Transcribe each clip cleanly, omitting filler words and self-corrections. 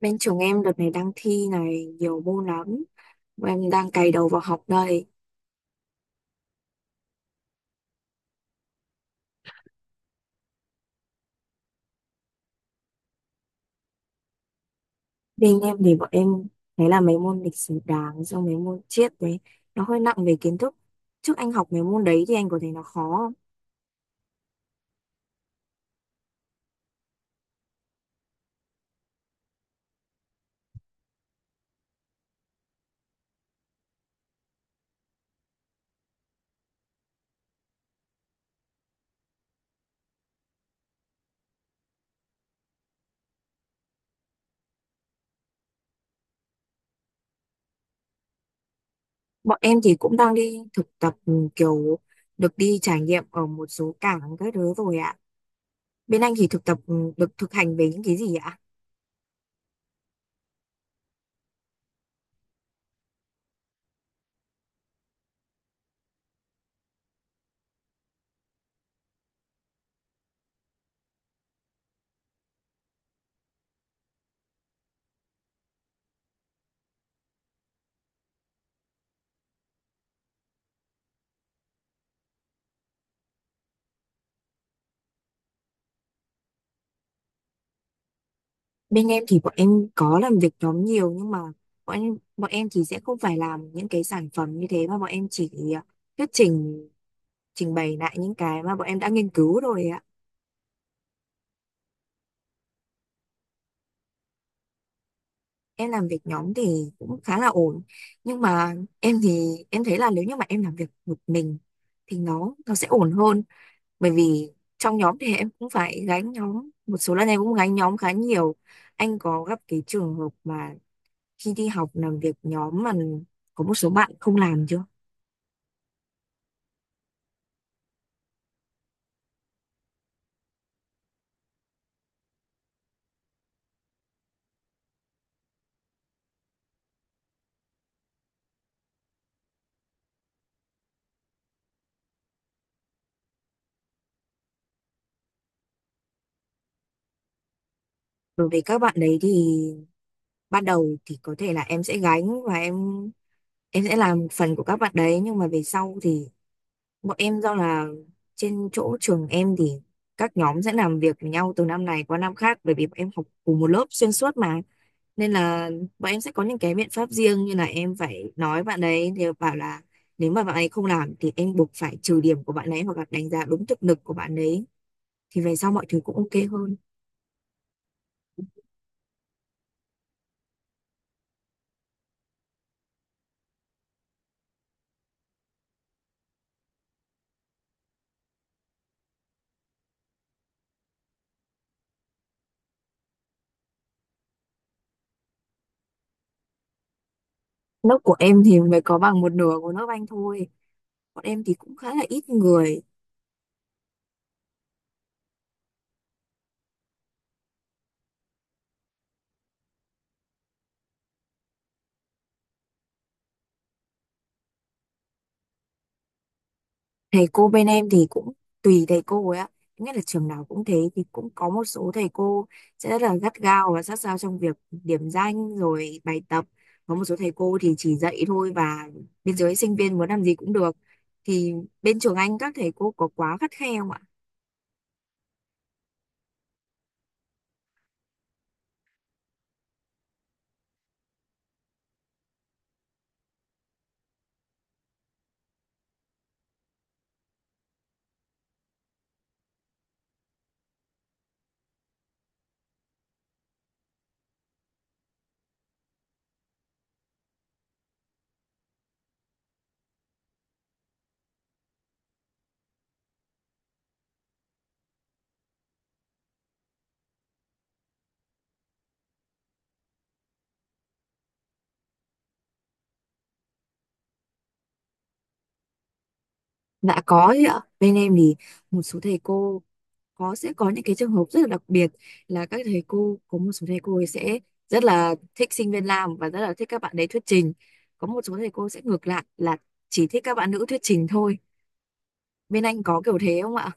Bên trường em đợt này đang thi này nhiều môn lắm. Bọn em đang cày đầu vào học đây. Bên em thì bọn em thấy là mấy môn lịch sử Đảng xong mấy môn triết đấy nó hơi nặng về kiến thức. Trước anh học mấy môn đấy thì anh có thấy nó khó không? Bọn em thì cũng đang đi thực tập, ừ, kiểu được đi trải nghiệm ở một số cảng các thứ rồi ạ. Bên anh thì thực tập được thực hành về những cái gì ạ? Bên em thì bọn em có làm việc nhóm nhiều nhưng mà bọn em thì sẽ không phải làm những cái sản phẩm như thế mà bọn em chỉ thuyết trình, trình bày lại những cái mà bọn em đã nghiên cứu rồi ạ. Em làm việc nhóm thì cũng khá là ổn, nhưng mà em thì em thấy là nếu như mà em làm việc một mình thì nó sẽ ổn hơn, bởi vì trong nhóm thì em cũng phải gánh nhóm, một số lần em cũng gánh nhóm khá nhiều. Anh có gặp cái trường hợp mà khi đi học làm việc nhóm mà có một số bạn không làm chưa? Đối với các bạn đấy thì ban đầu thì có thể là em sẽ gánh và em sẽ làm một phần của các bạn đấy, nhưng mà về sau thì bọn em do là trên chỗ trường em thì các nhóm sẽ làm việc với nhau từ năm này qua năm khác, bởi vì bọn em học cùng một lớp xuyên suốt mà, nên là bọn em sẽ có những cái biện pháp riêng, như là em phải nói bạn đấy thì bảo là nếu mà bạn ấy không làm thì em buộc phải trừ điểm của bạn ấy hoặc là đánh giá đúng thực lực của bạn ấy, thì về sau mọi thứ cũng ok hơn. Lớp của em thì mới có bằng một nửa của lớp anh thôi, bọn em thì cũng khá là ít người. Thầy cô bên em thì cũng tùy thầy cô ấy ạ, nghĩa là trường nào cũng thế, thì cũng có một số thầy cô sẽ rất là gắt gao và sát sao trong việc điểm danh rồi bài tập, có một số thầy cô thì chỉ dạy thôi và bên dưới sinh viên muốn làm gì cũng được. Thì bên trường anh các thầy cô có quá khắt khe không ạ? Dạ có chứ ạ, bên em thì một số thầy cô có, sẽ có những cái trường hợp rất là đặc biệt, là các thầy cô có một số thầy cô ấy sẽ rất là thích sinh viên nam và rất là thích các bạn đấy thuyết trình, có một số thầy cô sẽ ngược lại là chỉ thích các bạn nữ thuyết trình thôi. Bên anh có kiểu thế không ạ?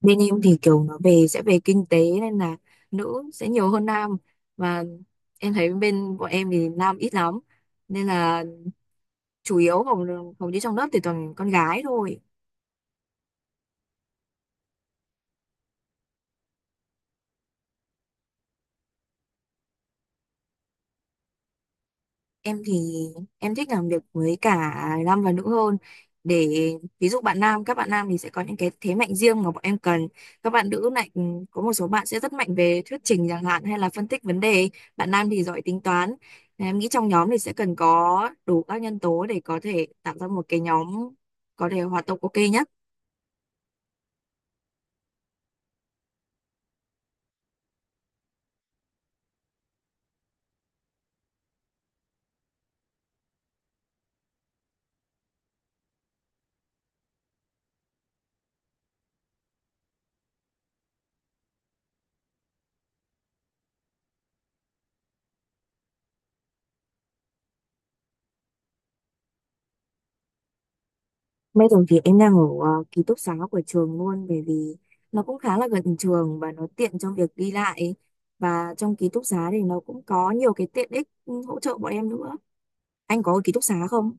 Bên em thì kiểu nó về sẽ về kinh tế nên là nữ sẽ nhiều hơn nam, và em thấy bên bọn em thì nam ít lắm, nên là chủ yếu hầu hầu như trong lớp thì toàn con gái thôi. Em thì em thích làm việc với cả nam và nữ hơn, để ví dụ bạn nam, các bạn nam thì sẽ có những cái thế mạnh riêng mà bọn em cần, các bạn nữ lại có một số bạn sẽ rất mạnh về thuyết trình chẳng hạn hay là phân tích vấn đề, bạn nam thì giỏi tính toán. Nên em nghĩ trong nhóm thì sẽ cần có đủ các nhân tố để có thể tạo ra một cái nhóm có thể hoạt động ok nhé. Bây giờ thì em đang ở ký túc xá của trường luôn, bởi vì nó cũng khá là gần trường và nó tiện trong việc đi lại, và trong ký túc xá thì nó cũng có nhiều cái tiện ích hỗ trợ bọn em nữa. Anh có ở ký túc xá không?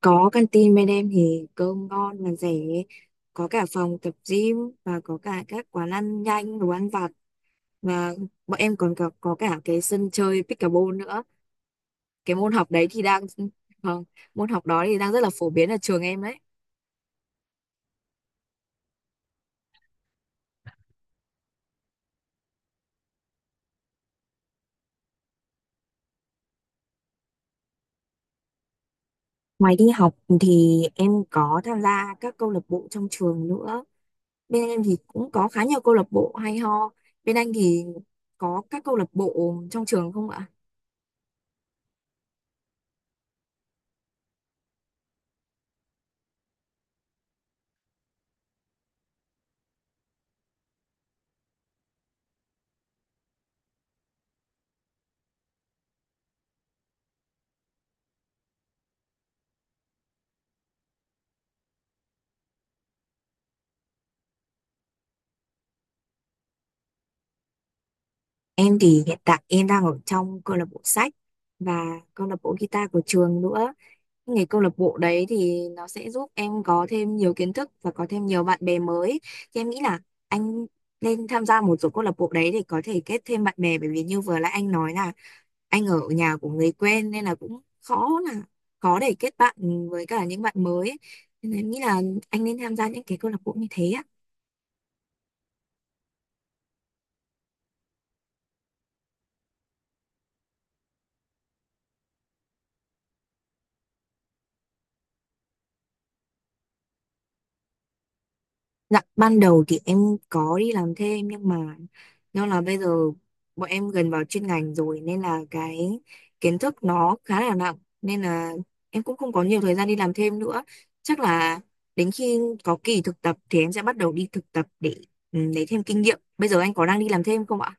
Có canteen bên em thì cơm ngon mà rẻ, có cả phòng tập gym và có cả các quán ăn nhanh, đồ ăn vặt, và bọn em còn có cả cái sân chơi pickleball nữa. Cái môn học đấy thì đang, không, môn học đó thì đang rất là phổ biến ở trường em đấy. Ngoài đi học thì em có tham gia các câu lạc bộ trong trường nữa. Bên em thì cũng có khá nhiều câu lạc bộ hay ho. Bên anh thì có các câu lạc bộ trong trường không ạ? Em thì hiện tại em đang ở trong câu lạc bộ sách và câu lạc bộ guitar của trường nữa. Nghề câu lạc bộ đấy thì nó sẽ giúp em có thêm nhiều kiến thức và có thêm nhiều bạn bè mới. Thì em nghĩ là anh nên tham gia một số câu lạc bộ đấy để có thể kết thêm bạn bè, bởi vì như vừa nãy anh nói là anh ở nhà của người quen nên là cũng khó, là khó để kết bạn với cả những bạn mới ấy. Nên là em nghĩ là anh nên tham gia những cái câu lạc bộ như thế ạ. Dạ, ban đầu thì em có đi làm thêm nhưng mà do là bây giờ bọn em gần vào chuyên ngành rồi nên là cái kiến thức nó khá là nặng, nên là em cũng không có nhiều thời gian đi làm thêm nữa. Chắc là đến khi có kỳ thực tập thì em sẽ bắt đầu đi thực tập để lấy thêm kinh nghiệm. Bây giờ anh có đang đi làm thêm không ạ?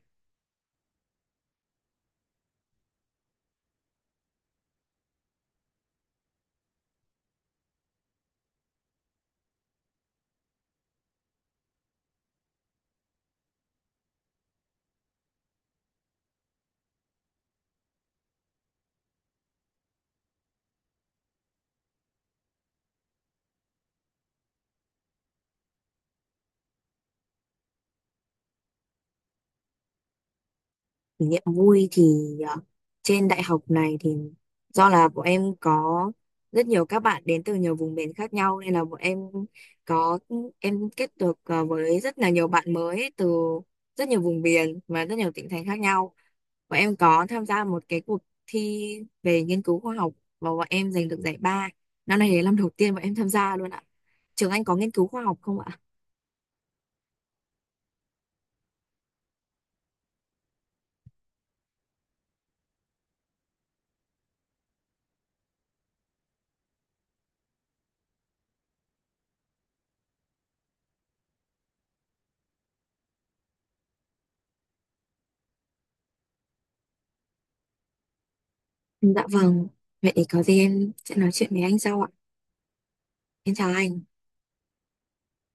Kỷ niệm vui thì ờ, trên đại học này thì do là bọn em có rất nhiều các bạn đến từ nhiều vùng miền khác nhau, nên là bọn em có, em kết được với rất là nhiều bạn mới từ rất nhiều vùng miền và rất nhiều tỉnh thành khác nhau. Bọn em có tham gia một cái cuộc thi về nghiên cứu khoa học và bọn em giành được giải ba. Năm nay là năm đầu tiên bọn em tham gia luôn ạ. Trường anh có nghiên cứu khoa học không ạ? Dạ vâng. Vậy có gì em sẽ nói chuyện với anh sau ạ. Em chào anh.